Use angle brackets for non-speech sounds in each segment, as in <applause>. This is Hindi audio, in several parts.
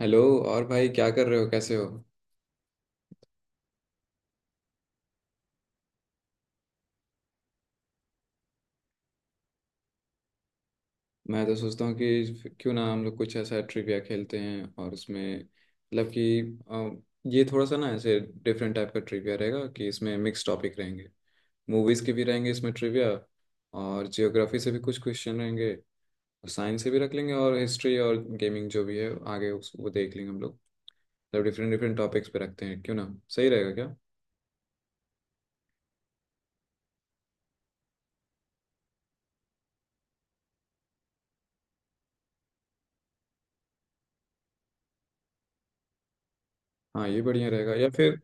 हेलो। और भाई क्या कर रहे हो? कैसे हो? मैं तो सोचता हूँ कि क्यों ना हम लोग कुछ ऐसा ट्रिविया खेलते हैं, और उसमें मतलब कि ये थोड़ा सा ना ऐसे डिफरेंट टाइप का ट्रिविया रहेगा कि इसमें मिक्स टॉपिक रहेंगे। मूवीज़ के भी रहेंगे इसमें ट्रिविया, और जियोग्राफी से भी कुछ क्वेश्चन रहेंगे। साइंस से भी रख लेंगे, और हिस्ट्री और गेमिंग जो भी है आगे उस वो देख लेंगे हम लोग। मतलब डिफरेंट डिफरेंट टॉपिक्स पे रखते हैं क्यों ना। सही रहेगा क्या? हाँ ये बढ़िया रहेगा, या फिर।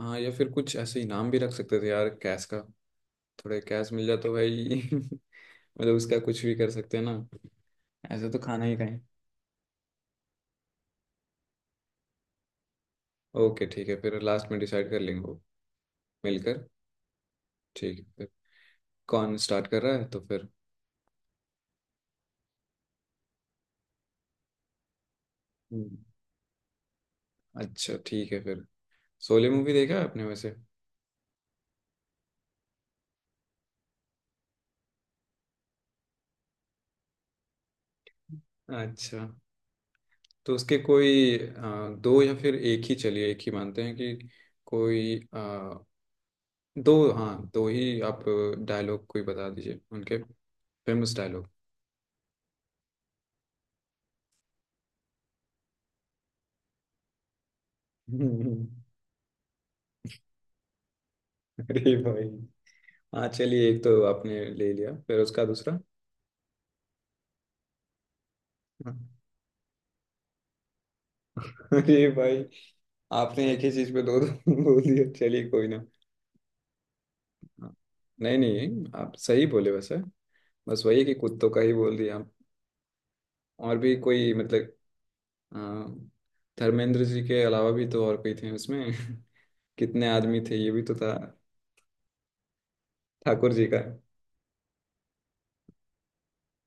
हाँ, या फिर कुछ ऐसे इनाम भी रख सकते थे यार, कैश का। थोड़े कैश मिल जाए तो भाई <laughs> मतलब उसका कुछ भी कर सकते हैं ना। ऐसे तो खाना ही खाएं। ओके, ठीक है फिर, लास्ट में डिसाइड कर लेंगे वो मिलकर। ठीक है फिर। कौन स्टार्ट कर रहा है तो फिर? हम्म, अच्छा ठीक है फिर। शोले मूवी देखा है आपने वैसे? अच्छा। तो उसके कोई दो या फिर एक ही, चलिए एक ही मानते हैं कि कोई दो, हाँ, दो ही आप डायलॉग कोई बता दीजिए उनके, फेमस डायलॉग। <laughs> अरे भाई। हाँ चलिए, एक तो आपने ले लिया, फिर उसका दूसरा। हाँ। <laughs> अरे भाई, आपने एक ही चीज पे दो दो <laughs> बोल दिया, चलिए कोई ना। हाँ। नहीं नहीं, आप सही बोले वैसे, बस वही कि कुत्तों का ही बोल दिया आप। और भी कोई, मतलब? अ, धर्मेंद्र जी के अलावा भी तो और कोई थे उसमें <laughs> कितने आदमी थे, ये भी तो था। ठाकुर जी का।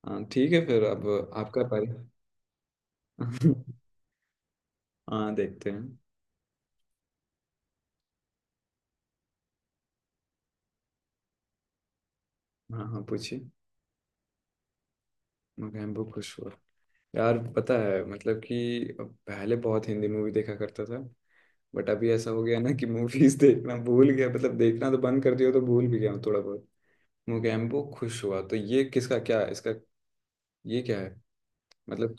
हाँ ठीक है फिर। अब आपका पारी। <laughs> हाँ, देखते हैं। हाँ हाँ, पूछिए। मैं बहुत खुश हुआ। यार पता है मतलब कि पहले बहुत हिंदी मूवी देखा करता था, बट अभी ऐसा हो गया ना कि मूवीज देखना भूल गया। मतलब देखना तो बंद कर दिया, तो भूल भी गया हूँ थोड़ा बहुत। मोगैम्बो खुश हुआ, तो ये किसका क्या है? इसका? ये क्या है? मतलब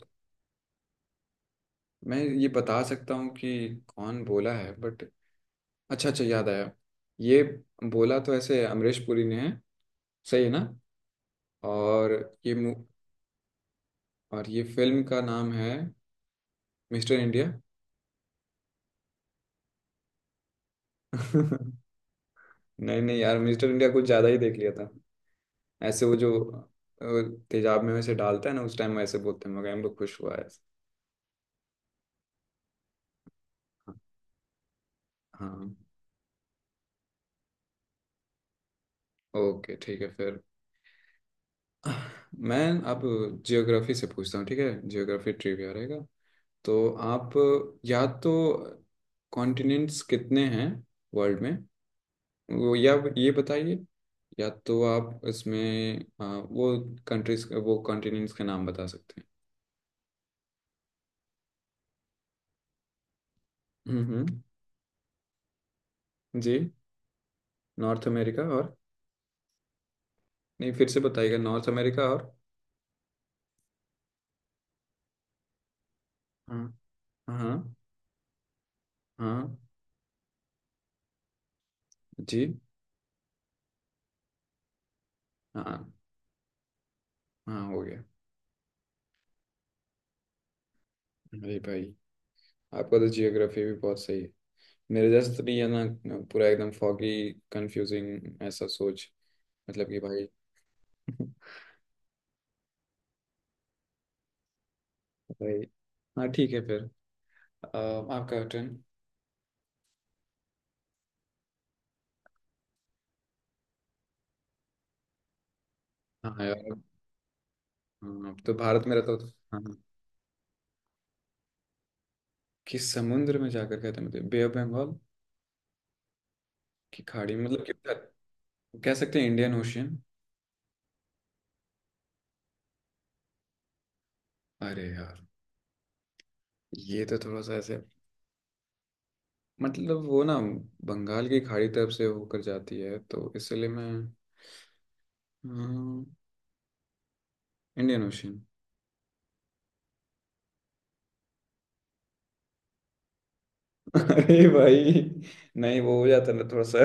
मैं ये बता सकता हूँ कि कौन बोला है, बट अच्छा अच्छा, याद आया ये। बोला तो ऐसे अमरीश पुरी ने है, सही है ना? और ये मु- और ये फिल्म का नाम है मिस्टर इंडिया। <laughs> नहीं नहीं यार, मिस्टर इंडिया कुछ ज्यादा ही देख लिया था। ऐसे वो जो तेजाब में वैसे डालता है ना, उस टाइम वैसे बोलते हैं मगर, हम लोग खुश हुआ है। हाँ। ओके ठीक है फिर। मैं अब जियोग्राफी से पूछता हूँ, ठीक है, जियोग्राफी ट्रिविया रहेगा। तो आप या तो कॉन्टिनेंट्स कितने हैं वर्ल्ड में, वो या ये बताइए, या तो आप इसमें वो कंट्रीज, वो कॉन्टिनेंट्स के नाम बता सकते हैं। हम्म हम्म, जी। नॉर्थ अमेरिका और? नहीं, फिर से बताइएगा। नॉर्थ अमेरिका और? हाँ। हाँ। हाँ। जी। हाँ। हाँ, हो गया। अरे भाई, आपका तो जियोग्राफी भी बहुत सही है। मेरे जैसे तो नहीं है ना, पूरा एकदम फॉगी, कंफ्यूजिंग ऐसा सोच, मतलब कि भाई <laughs> भाई, हाँ ठीक है फिर। अ, आपका टर्न। हाँ यार। हाँ, अब तो भारत में रहता हूँ तो- हाँ। कि समुद्र में जाकर, कहते हैं मतलब बे ऑफ बंगाल की खाड़ी में, मतलब कि कह सकते हैं इंडियन ओशियन। अरे यार, ये तो थोड़ा सा ऐसे, मतलब वो ना बंगाल की खाड़ी तरफ से होकर जाती है, तो इसलिए मैं, हाँ, इंडियन ओशन। <laughs> अरे भाई। नहीं, वो हो जाता है ना थोड़ा सा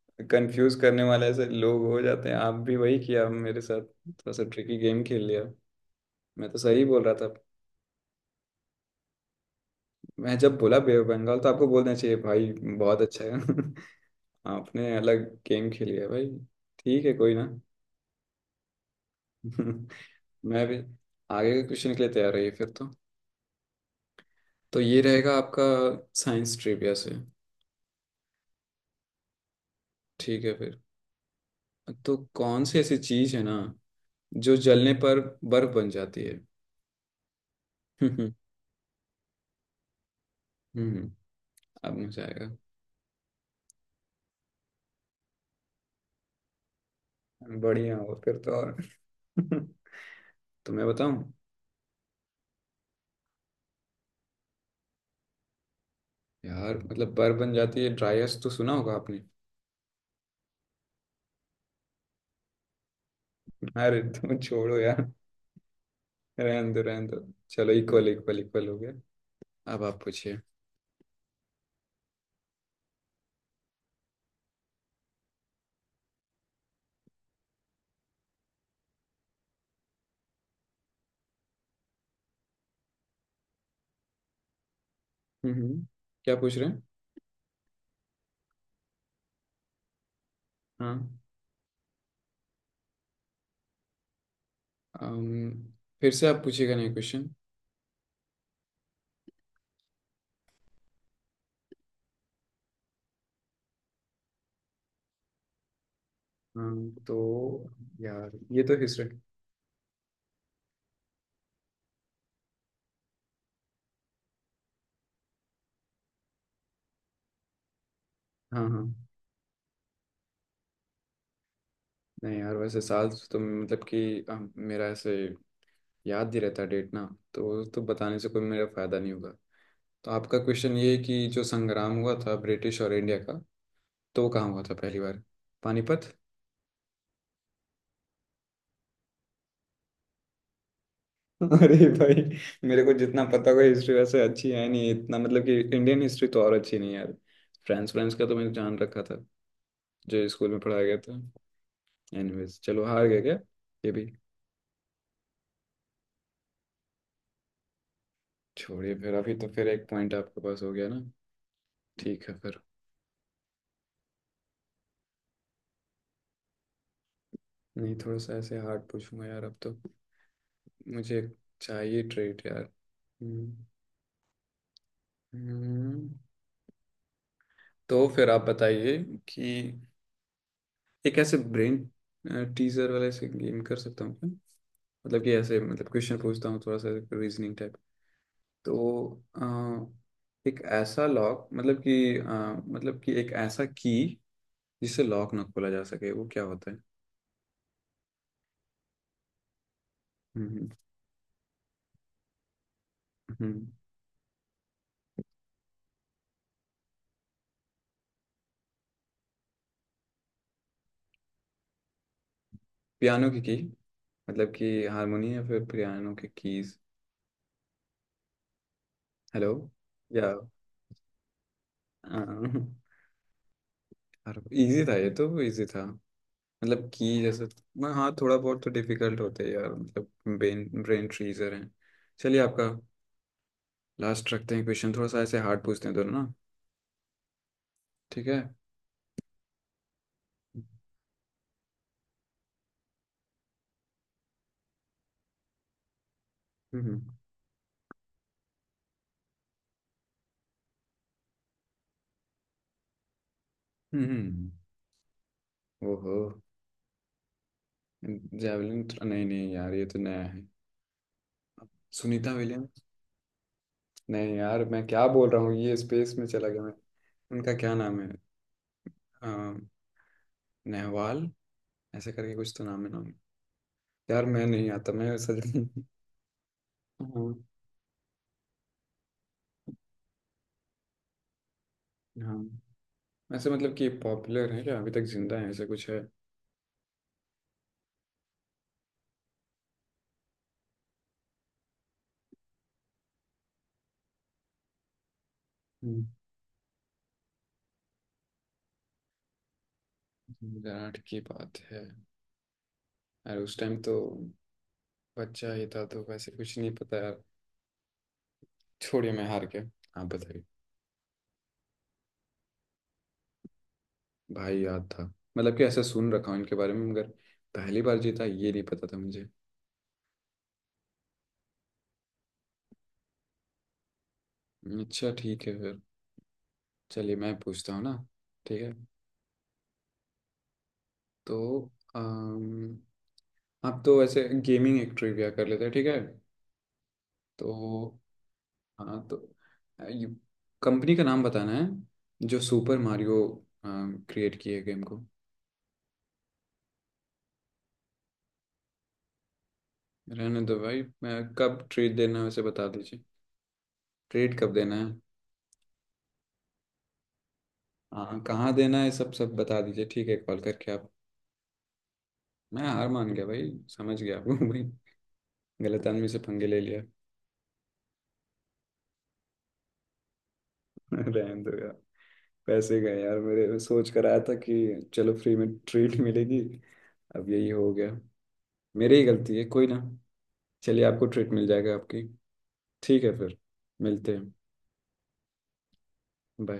<laughs> कंफ्यूज करने वाले ऐसे लोग हो जाते हैं, आप भी वही किया मेरे साथ, थोड़ा सा ट्रिकी गेम खेल लिया। मैं तो सही बोल रहा था। मैं जब बोला बे ऑफ बंगाल तो आपको बोलना चाहिए भाई, बहुत अच्छा है। <laughs> आपने अलग गेम खेल लिया भाई। ठीक है, कोई ना <laughs> मैं भी आगे के क्वेश्चन के लिए तैयार रहिए फिर तो ये रहेगा आपका, साइंस ट्रिविया से। ठीक है फिर। तो कौन सी ऐसी चीज है ना जो जलने पर बर्फ बन जाती है? <laughs> हम्म अब मजा आएगा। बढ़िया हो फिर तो, और <laughs> तो मैं बताऊं? यार मतलब बर्फ बन जाती है, ड्राइस तो सुना होगा आपने। अरे तुम छोड़ो यार, रहने दो रहने दो। चलो, इक्वल इक्वल इक्वल हो गया। अब आप पूछिए। हम्म, क्या पूछ रहे हैं? हाँ। अम, फिर से आप पूछिएगा नहीं क्वेश्चन? हाँ। तो यार, ये तो हिस्ट्री। हाँ, हाँ। नहीं यार, वैसे साल तो मतलब कि मेरा ऐसे याद ही रहता है डेट ना, तो बताने से कोई मेरा फायदा नहीं होगा। तो आपका क्वेश्चन ये है कि जो संग्राम हुआ था ब्रिटिश और इंडिया का, तो वो कहाँ हुआ था पहली बार? पानीपत। <laughs> अरे भाई, मेरे को जितना पता होगा, हिस्ट्री वैसे अच्छी है नहीं इतना, मतलब कि इंडियन हिस्ट्री तो और अच्छी नहीं है यार। फ्रांस फ्रांस का तो मैंने जान रखा था, जो स्कूल में पढ़ाया गया था। एनीवेज, चलो हार गया क्या ये भी? छोड़िए फिर, अभी तो फिर एक पॉइंट आपके पास हो गया ना। ठीक है फिर। नहीं, थोड़ा सा ऐसे हार्ड पूछूंगा यार अब तो, मुझे चाहिए ट्रेड यार। हम्म, हम्म। तो फिर आप बताइए कि एक ऐसे ब्रेन टीजर वाला ऐसे गेम कर सकता हूँ क्या? मतलब कि ऐसे, मतलब क्वेश्चन पूछता हूँ थोड़ा सा, रीजनिंग टाइप। तो अ, एक ऐसा लॉक, मतलब कि मतलब कि एक ऐसा की जिससे लॉक ना खोला जा सके, वो क्या होता है? हम्म हम्म पियानो की, मतलब कि हारमोनी, या फिर पियानो के कीज। हेलो? या, अरे इजी था, ये तो इजी था। मतलब की जैसे, मैं, हाँ, थोड़ा बहुत तो डिफिकल्ट होते हैं यार, मतलब ब्रेन ब्रेन फ्रीजर हैं। चलिए आपका लास्ट रखते हैं क्वेश्चन, थोड़ा सा ऐसे हार्ड पूछते हैं दोनों ना। ठीक है। हम्म। हम्म हम्म, हम्म। ओहो। जैवलिन? नहीं नहीं यार, ये तो नया है। सुनीता विलियम्स। नहीं यार, मैं क्या बोल रहा हूँ, ये स्पेस में चला गया मैं। उनका क्या नाम है? अ, नेहवाल, ऐसे करके कुछ तो नाम है, नाम। यार मैं नहीं आता, मैं सच <laughs> में-। हाँ। हाँ, ऐसे मतलब कि पॉपुलर है क्या, अभी तक जिंदा है, ऐसा कुछ है? हम्म, 2008 की बात है? यार उस टाइम तो बच्चा ही था, तो वैसे कुछ नहीं पता यार। छोड़िए, मैं हार के, आप बताइए। भाई, याद था, मतलब कि ऐसा सुन रखा हूँ इनके बारे में, मगर पहली बार जीता, ये नहीं पता था मुझे। अच्छा ठीक है फिर। चलिए, मैं पूछता हूँ ना। ठीक है। तो अम, आप तो ऐसे गेमिंग एक ट्रिविया कर लेते हैं, ठीक है तो। हाँ, तो ये कंपनी का नाम बताना है जो सुपर मारियो क्रिएट किए, गेम को। रहने दो भाई, मैं, कब ट्रीट देना है उसे बता दीजिए। ट्रीट कब देना है? हाँ, कहाँ देना है, सब सब बता दीजिए, ठीक है, कॉल करके आप। मैं हार मान गया भाई, समझ गया आपको भाई, गलत आदमी से पंगे ले लिया। <laughs> रहने दो यार। पैसे गए यार मेरे, मैं सोच कर आया था कि चलो फ्री में ट्रीट मिलेगी, अब यही हो गया। मेरी ही गलती है, कोई ना। चलिए, आपको ट्रीट मिल जाएगा आपकी। ठीक है फिर, मिलते हैं। झाल झाल।